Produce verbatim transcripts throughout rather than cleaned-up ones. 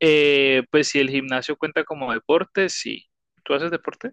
Eh, pues si el gimnasio cuenta como deporte, sí. ¿Tú haces deporte?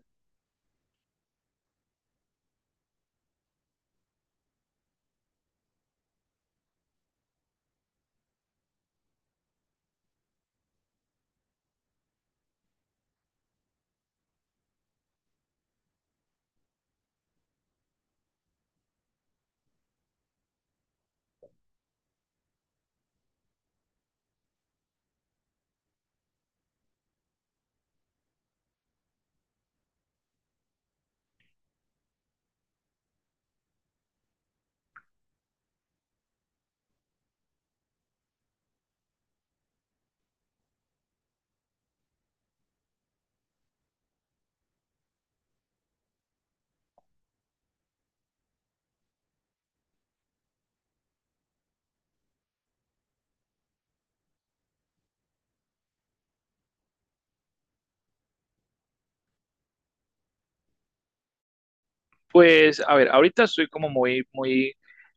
Pues, a ver, ahorita estoy como muy, muy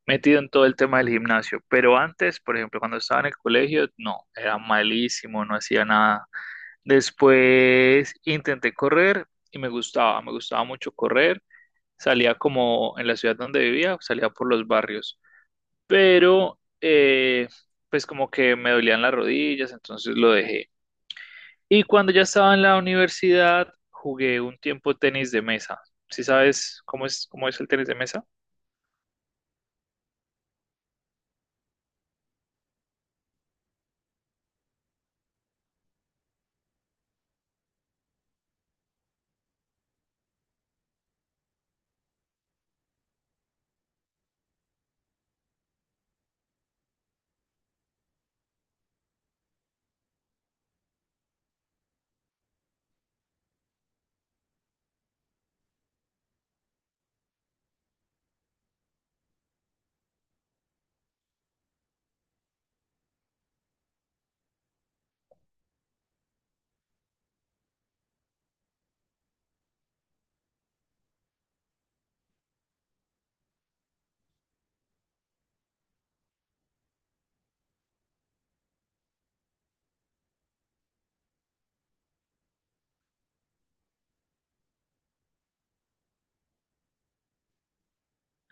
metido en todo el tema del gimnasio, pero antes, por ejemplo, cuando estaba en el colegio, no, era malísimo, no hacía nada. Después intenté correr y me gustaba, me gustaba mucho correr. Salía como en la ciudad donde vivía, salía por los barrios, pero eh, pues como que me dolían las rodillas, entonces lo dejé. Y cuando ya estaba en la universidad, jugué un tiempo tenis de mesa. ¿Sí sabes cómo es, cómo es el tenis de mesa?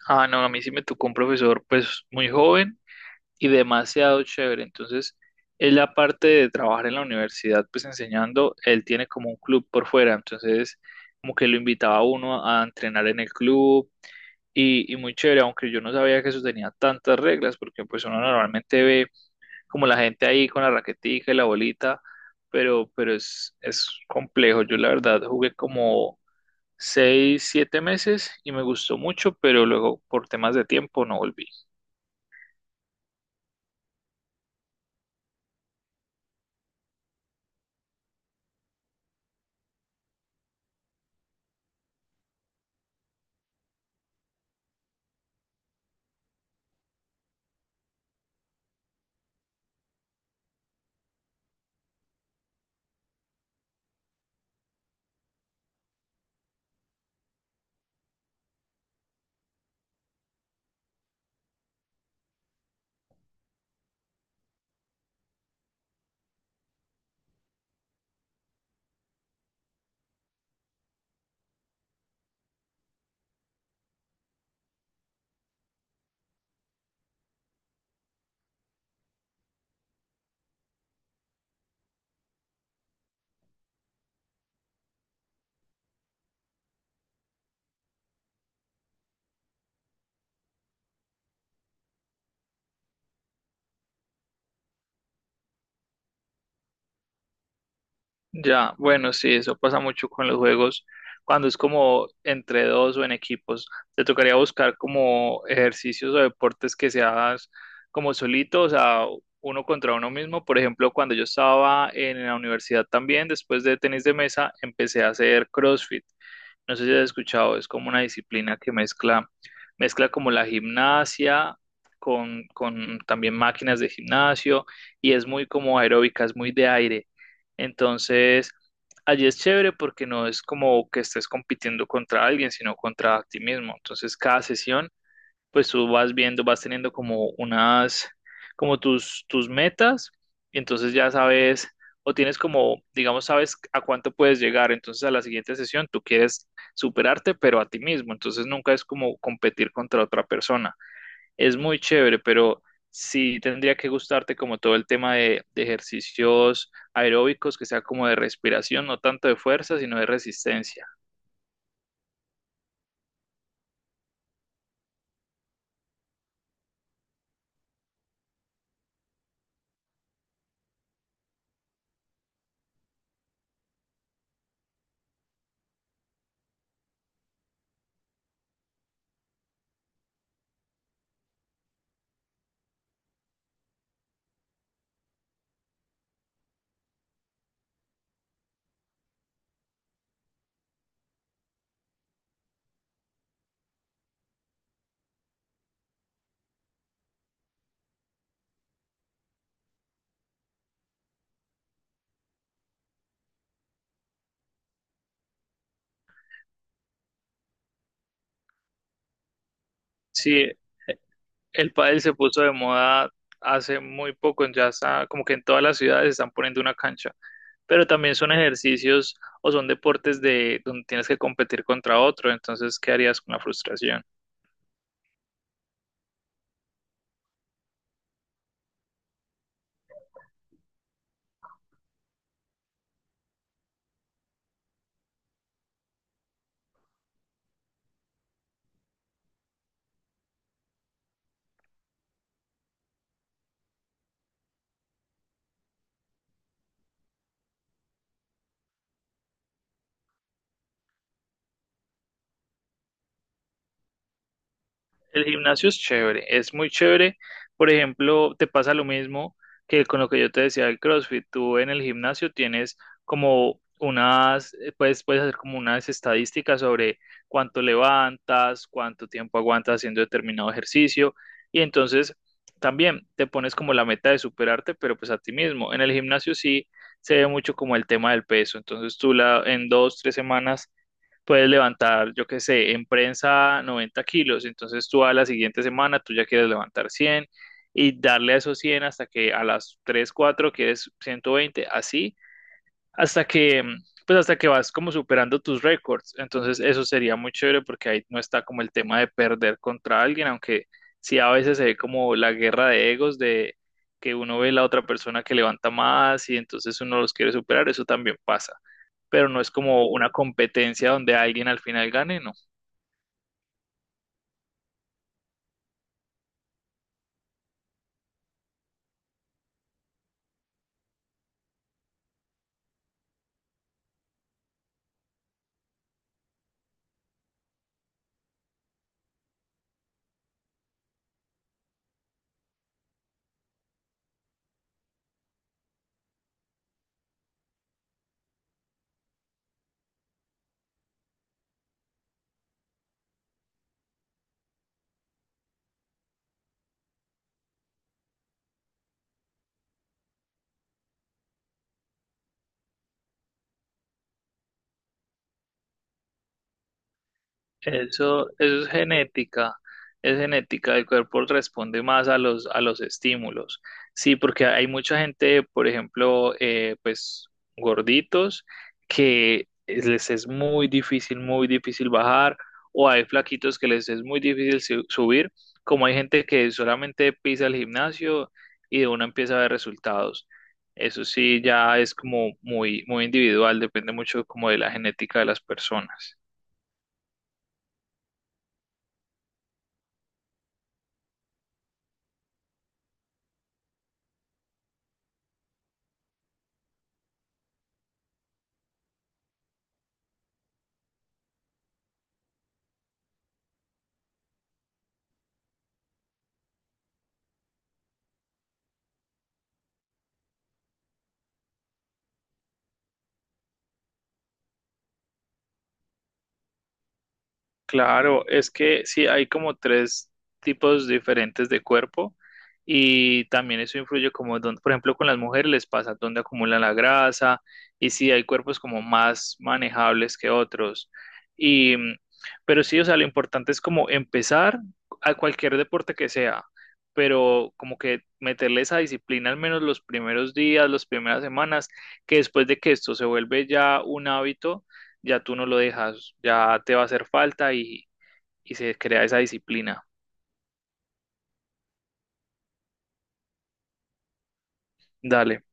Ah, no, a mí sí me tocó un profesor pues muy joven y demasiado chévere. Entonces, él aparte de trabajar en la universidad pues enseñando, él tiene como un club por fuera. Entonces, como que lo invitaba a uno a entrenar en el club y, y muy chévere, aunque yo no sabía que eso tenía tantas reglas porque pues uno normalmente ve como la gente ahí con la raquetica y la bolita, pero, pero es, es complejo. Yo la verdad jugué como seis, siete meses y me gustó mucho, pero luego por temas de tiempo no volví. Ya, bueno, sí, eso pasa mucho con los juegos cuando es como entre dos o en equipos. Te tocaría buscar como ejercicios o deportes que se hagan como solitos, o sea, uno contra uno mismo. Por ejemplo, cuando yo estaba en la universidad también, después de tenis de mesa, empecé a hacer CrossFit. No sé si has escuchado, es como una disciplina que mezcla, mezcla como la gimnasia con, con también máquinas de gimnasio y es muy como aeróbica, es muy de aire. Entonces, allí es chévere porque no es como que estés compitiendo contra alguien, sino contra ti mismo. Entonces, cada sesión pues tú vas viendo, vas teniendo como unas, como tus, tus metas, y entonces ya sabes, o tienes como, digamos, sabes a cuánto puedes llegar, entonces a la siguiente sesión tú quieres superarte, pero a ti mismo, entonces nunca es como competir contra otra persona. Es muy chévere, pero sí tendría que gustarte como todo el tema de, de ejercicios aeróbicos, que sea como de respiración, no tanto de fuerza, sino de resistencia. Sí, el pádel se puso de moda hace muy poco, ya está, como que en todas las ciudades están poniendo una cancha, pero también son ejercicios o son deportes de donde tienes que competir contra otro, entonces, ¿qué harías con la frustración? El gimnasio es chévere, es muy chévere. Por ejemplo, te pasa lo mismo que con lo que yo te decía del CrossFit. Tú en el gimnasio tienes como unas, eh, puedes, puedes hacer como unas estadísticas sobre cuánto levantas, cuánto tiempo aguantas haciendo determinado ejercicio. Y entonces también te pones como la meta de superarte, pero pues a ti mismo. En el gimnasio sí se ve mucho como el tema del peso. Entonces tú la, en dos, tres semanas puedes levantar, yo qué sé, en prensa noventa kilos, entonces tú a la siguiente semana tú ya quieres levantar cien y darle a esos cien hasta que a las tres cuatro quieres ciento veinte, así, hasta que, pues hasta que vas como superando tus récords. Entonces, eso sería muy chévere porque ahí no está como el tema de perder contra alguien, aunque sí a veces se ve como la guerra de egos de que uno ve la otra persona que levanta más y entonces uno los quiere superar, eso también pasa. Pero no es como una competencia donde alguien al final gane, no. Eso, eso es genética, es genética, el cuerpo responde más a los, a los estímulos. Sí, porque hay mucha gente, por ejemplo, eh, pues gorditos, que es- les es muy difícil, muy difícil bajar, o hay flaquitos que les es muy difícil su- subir, como hay gente que solamente pisa el gimnasio y de una empieza a ver resultados. Eso sí, ya es como muy, muy individual, depende mucho como de la genética de las personas. Claro, es que sí, hay como tres tipos diferentes de cuerpo y también eso influye como, don- por ejemplo, con las mujeres les pasa dónde acumulan la grasa y sí, hay cuerpos como más manejables que otros. Y, mm, pero sí, o sea, lo importante es como empezar a cualquier deporte que sea, pero como que meterle esa disciplina al menos los primeros días, las primeras semanas, que después de que esto se vuelve ya un hábito ya tú no lo dejas, ya te va a hacer falta y, y se crea esa disciplina. Dale.